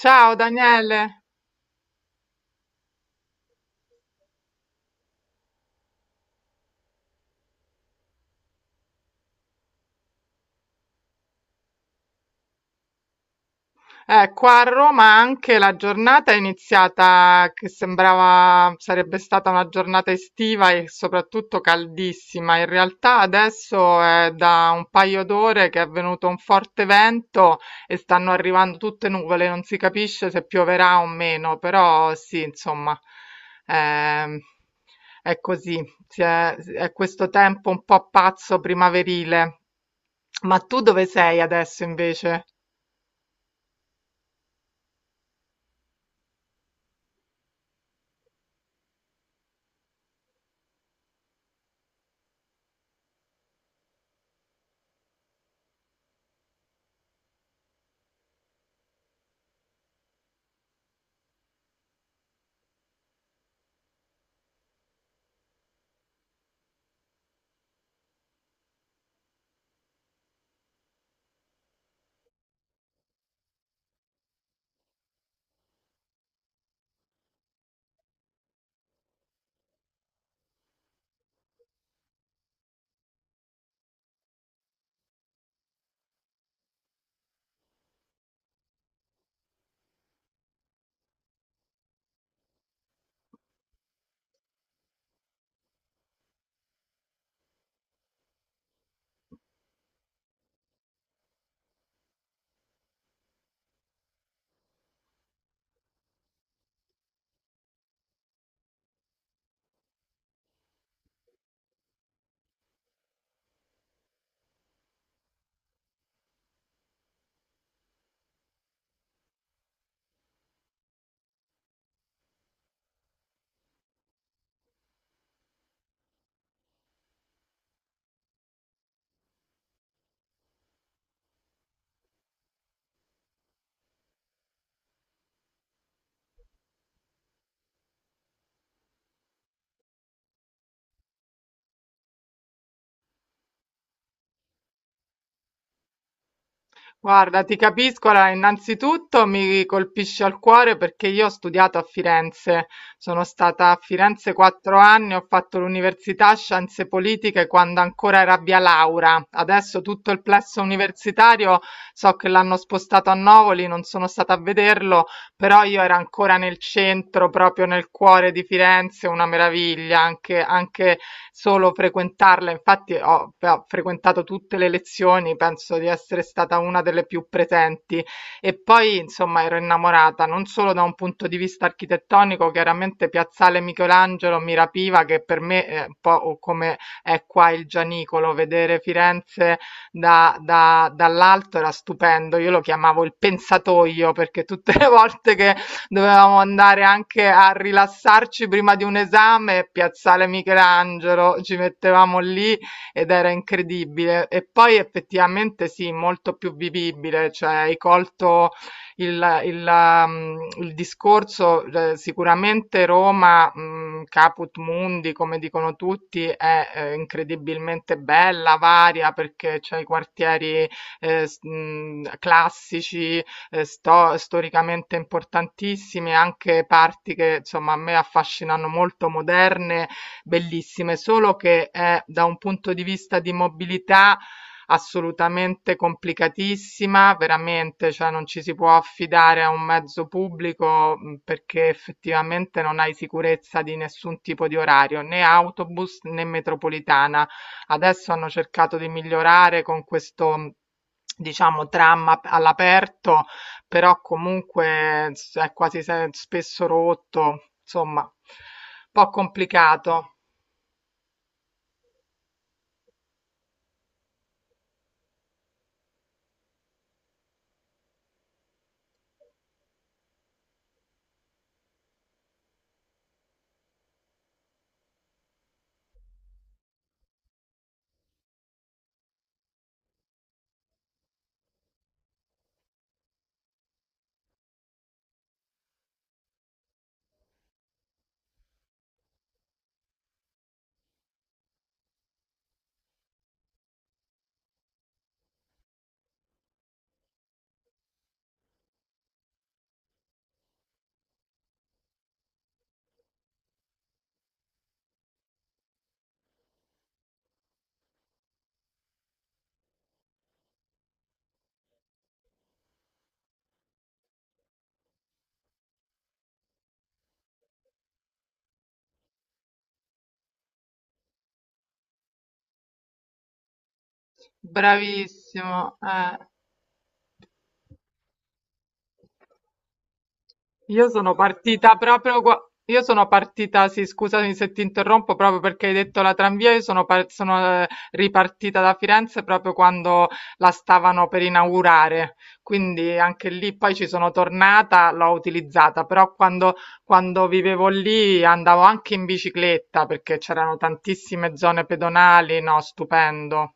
Ciao Daniele, qua a Roma anche la giornata è iniziata che sembrava sarebbe stata una giornata estiva e soprattutto caldissima. In realtà adesso è da un paio d'ore che è venuto un forte vento e stanno arrivando tutte nuvole, non si capisce se pioverà o meno, però sì, insomma, ehm, è così, si è questo tempo un po' pazzo primaverile. Ma tu dove sei adesso invece? Guarda, ti capisco, allora, innanzitutto mi colpisce al cuore perché io ho studiato a Firenze, sono stata a Firenze 4 anni, ho fatto l'università Scienze Politiche quando ancora era via Laura, adesso tutto il plesso universitario so che l'hanno spostato a Novoli, non sono stata a vederlo, però io era ancora nel centro, proprio nel cuore di Firenze, una meraviglia, anche, anche solo frequentarla, infatti ho frequentato tutte le lezioni, penso di essere stata una delle più presenti e poi insomma ero innamorata non solo da un punto di vista architettonico, chiaramente Piazzale Michelangelo mi rapiva che per me è un po' come è qua il Gianicolo, vedere Firenze dall'alto era stupendo, io lo chiamavo il pensatoio perché tutte le volte che dovevamo andare anche a rilassarci prima di un esame, Piazzale Michelangelo, ci mettevamo lì ed era incredibile. E poi effettivamente sì, molto più vivibile, cioè hai colto il discorso, sicuramente Roma, caput mundi, come dicono tutti, è incredibilmente bella, varia, perché c'è i quartieri classici, storicamente importantissime, anche parti che insomma a me affascinano molto, moderne, bellissime, solo che è da un punto di vista di mobilità assolutamente complicatissima, veramente, cioè non ci si può affidare a un mezzo pubblico perché effettivamente non hai sicurezza di nessun tipo di orario, né autobus né metropolitana. Adesso hanno cercato di migliorare con questo diciamo all'aperto però comunque è quasi spesso rotto, insomma, un po' complicato. Bravissimo, eh. Io sono partita proprio qua. Io sono partita, sì, scusami se ti interrompo, proprio perché hai detto la tramvia, io sono, sono ripartita da Firenze proprio quando la stavano per inaugurare, quindi anche lì poi ci sono tornata, l'ho utilizzata, però quando vivevo lì andavo anche in bicicletta perché c'erano tantissime zone pedonali, no, stupendo.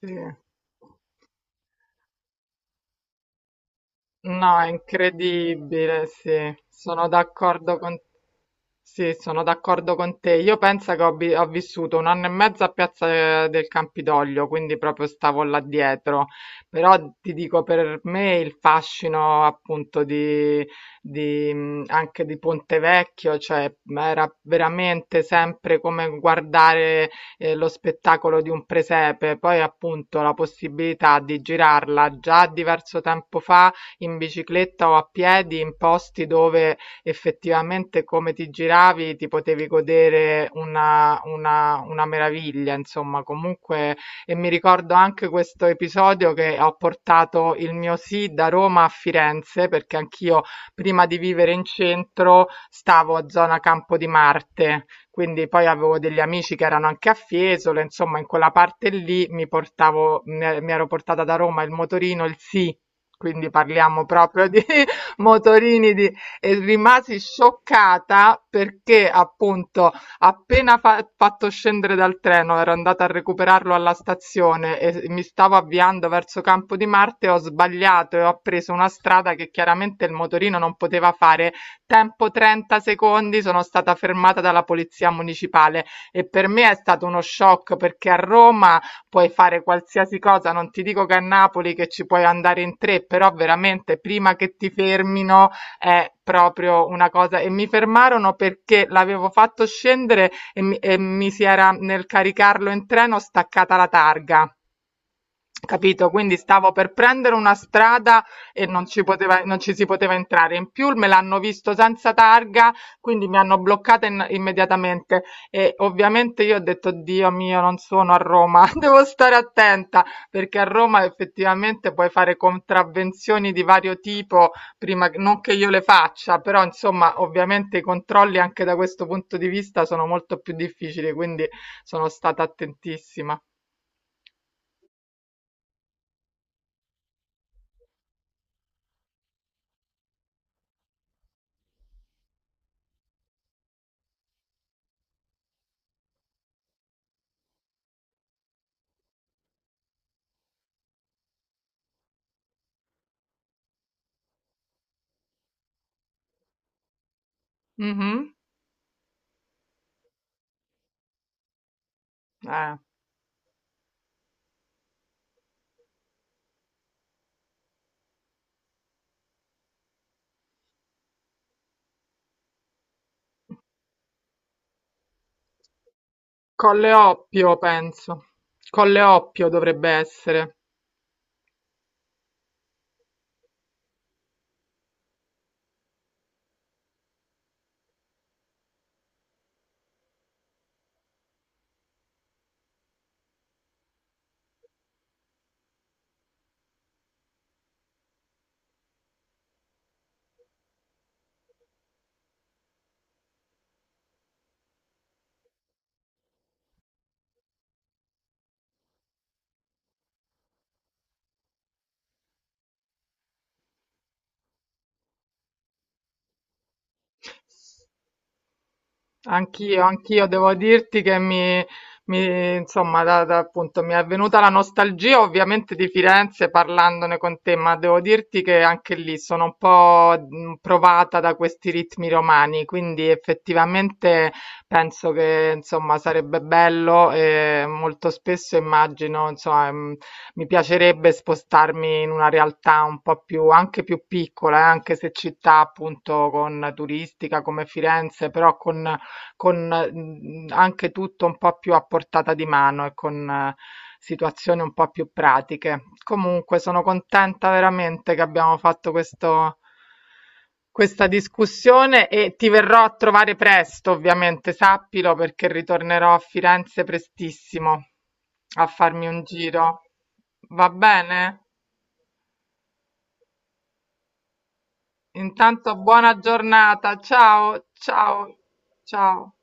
Sì. No, è incredibile, sì, sì, sono d'accordo con te. Io penso che ho, ho vissuto un anno e mezzo a Piazza del Campidoglio, quindi proprio stavo là dietro. Però ti dico, per me il fascino appunto di, anche di Ponte Vecchio, cioè ma era veramente sempre come guardare lo spettacolo di un presepe. Poi appunto la possibilità di girarla già diverso tempo fa in bicicletta o a piedi in posti dove effettivamente come ti giravi ti potevi godere una meraviglia, insomma, comunque e mi ricordo anche questo episodio che ho portato il mio sì da Roma a Firenze, perché anch'io prima di vivere in centro stavo a zona Campo di Marte, quindi poi avevo degli amici che erano anche a Fiesole, insomma in quella parte lì mi portavo, mi ero portata da Roma il motorino, il sì quindi parliamo proprio di motorini di... e rimasi scioccata perché appunto appena fatto scendere dal treno, ero andata a recuperarlo alla stazione e mi stavo avviando verso Campo di Marte, ho sbagliato e ho preso una strada che chiaramente il motorino non poteva fare. Tempo 30 secondi, sono stata fermata dalla polizia municipale e per me è stato uno shock perché a Roma puoi fare qualsiasi cosa, non ti dico che a Napoli che ci puoi andare in tre, però veramente prima che ti fermino è proprio una cosa. E mi fermarono perché l'avevo fatto scendere e mi si era nel caricarlo in treno staccata la targa. Capito? Quindi stavo per prendere una strada e non ci si poteva entrare. In più me l'hanno visto senza targa, quindi mi hanno bloccata immediatamente. E ovviamente io ho detto: Dio mio, non sono a Roma, devo stare attenta perché a Roma effettivamente puoi fare contravvenzioni di vario tipo, non che io le faccia, però insomma, ovviamente i controlli anche da questo punto di vista sono molto più difficili, quindi sono stata attentissima. Mhm. Eh. Colle Oppio, penso, Colle Oppio dovrebbe essere. Anch'io, anch'io devo dirti che insomma, appunto, mi è venuta la nostalgia ovviamente di Firenze parlandone con te, ma devo dirti che anche lì sono un po' provata da questi ritmi romani, quindi effettivamente penso che, insomma, sarebbe bello e molto spesso immagino, insomma, mi piacerebbe spostarmi in una realtà un po' più, anche più piccola, anche se città appunto con turistica come Firenze, però con anche tutto un po' più a portata di mano e con situazioni un po' più pratiche. Comunque sono contenta veramente che abbiamo fatto questo questa discussione e ti verrò a trovare presto, ovviamente, sappilo, perché ritornerò a Firenze prestissimo a farmi un giro. Va bene? Intanto buona giornata. Ciao, ciao, ciao.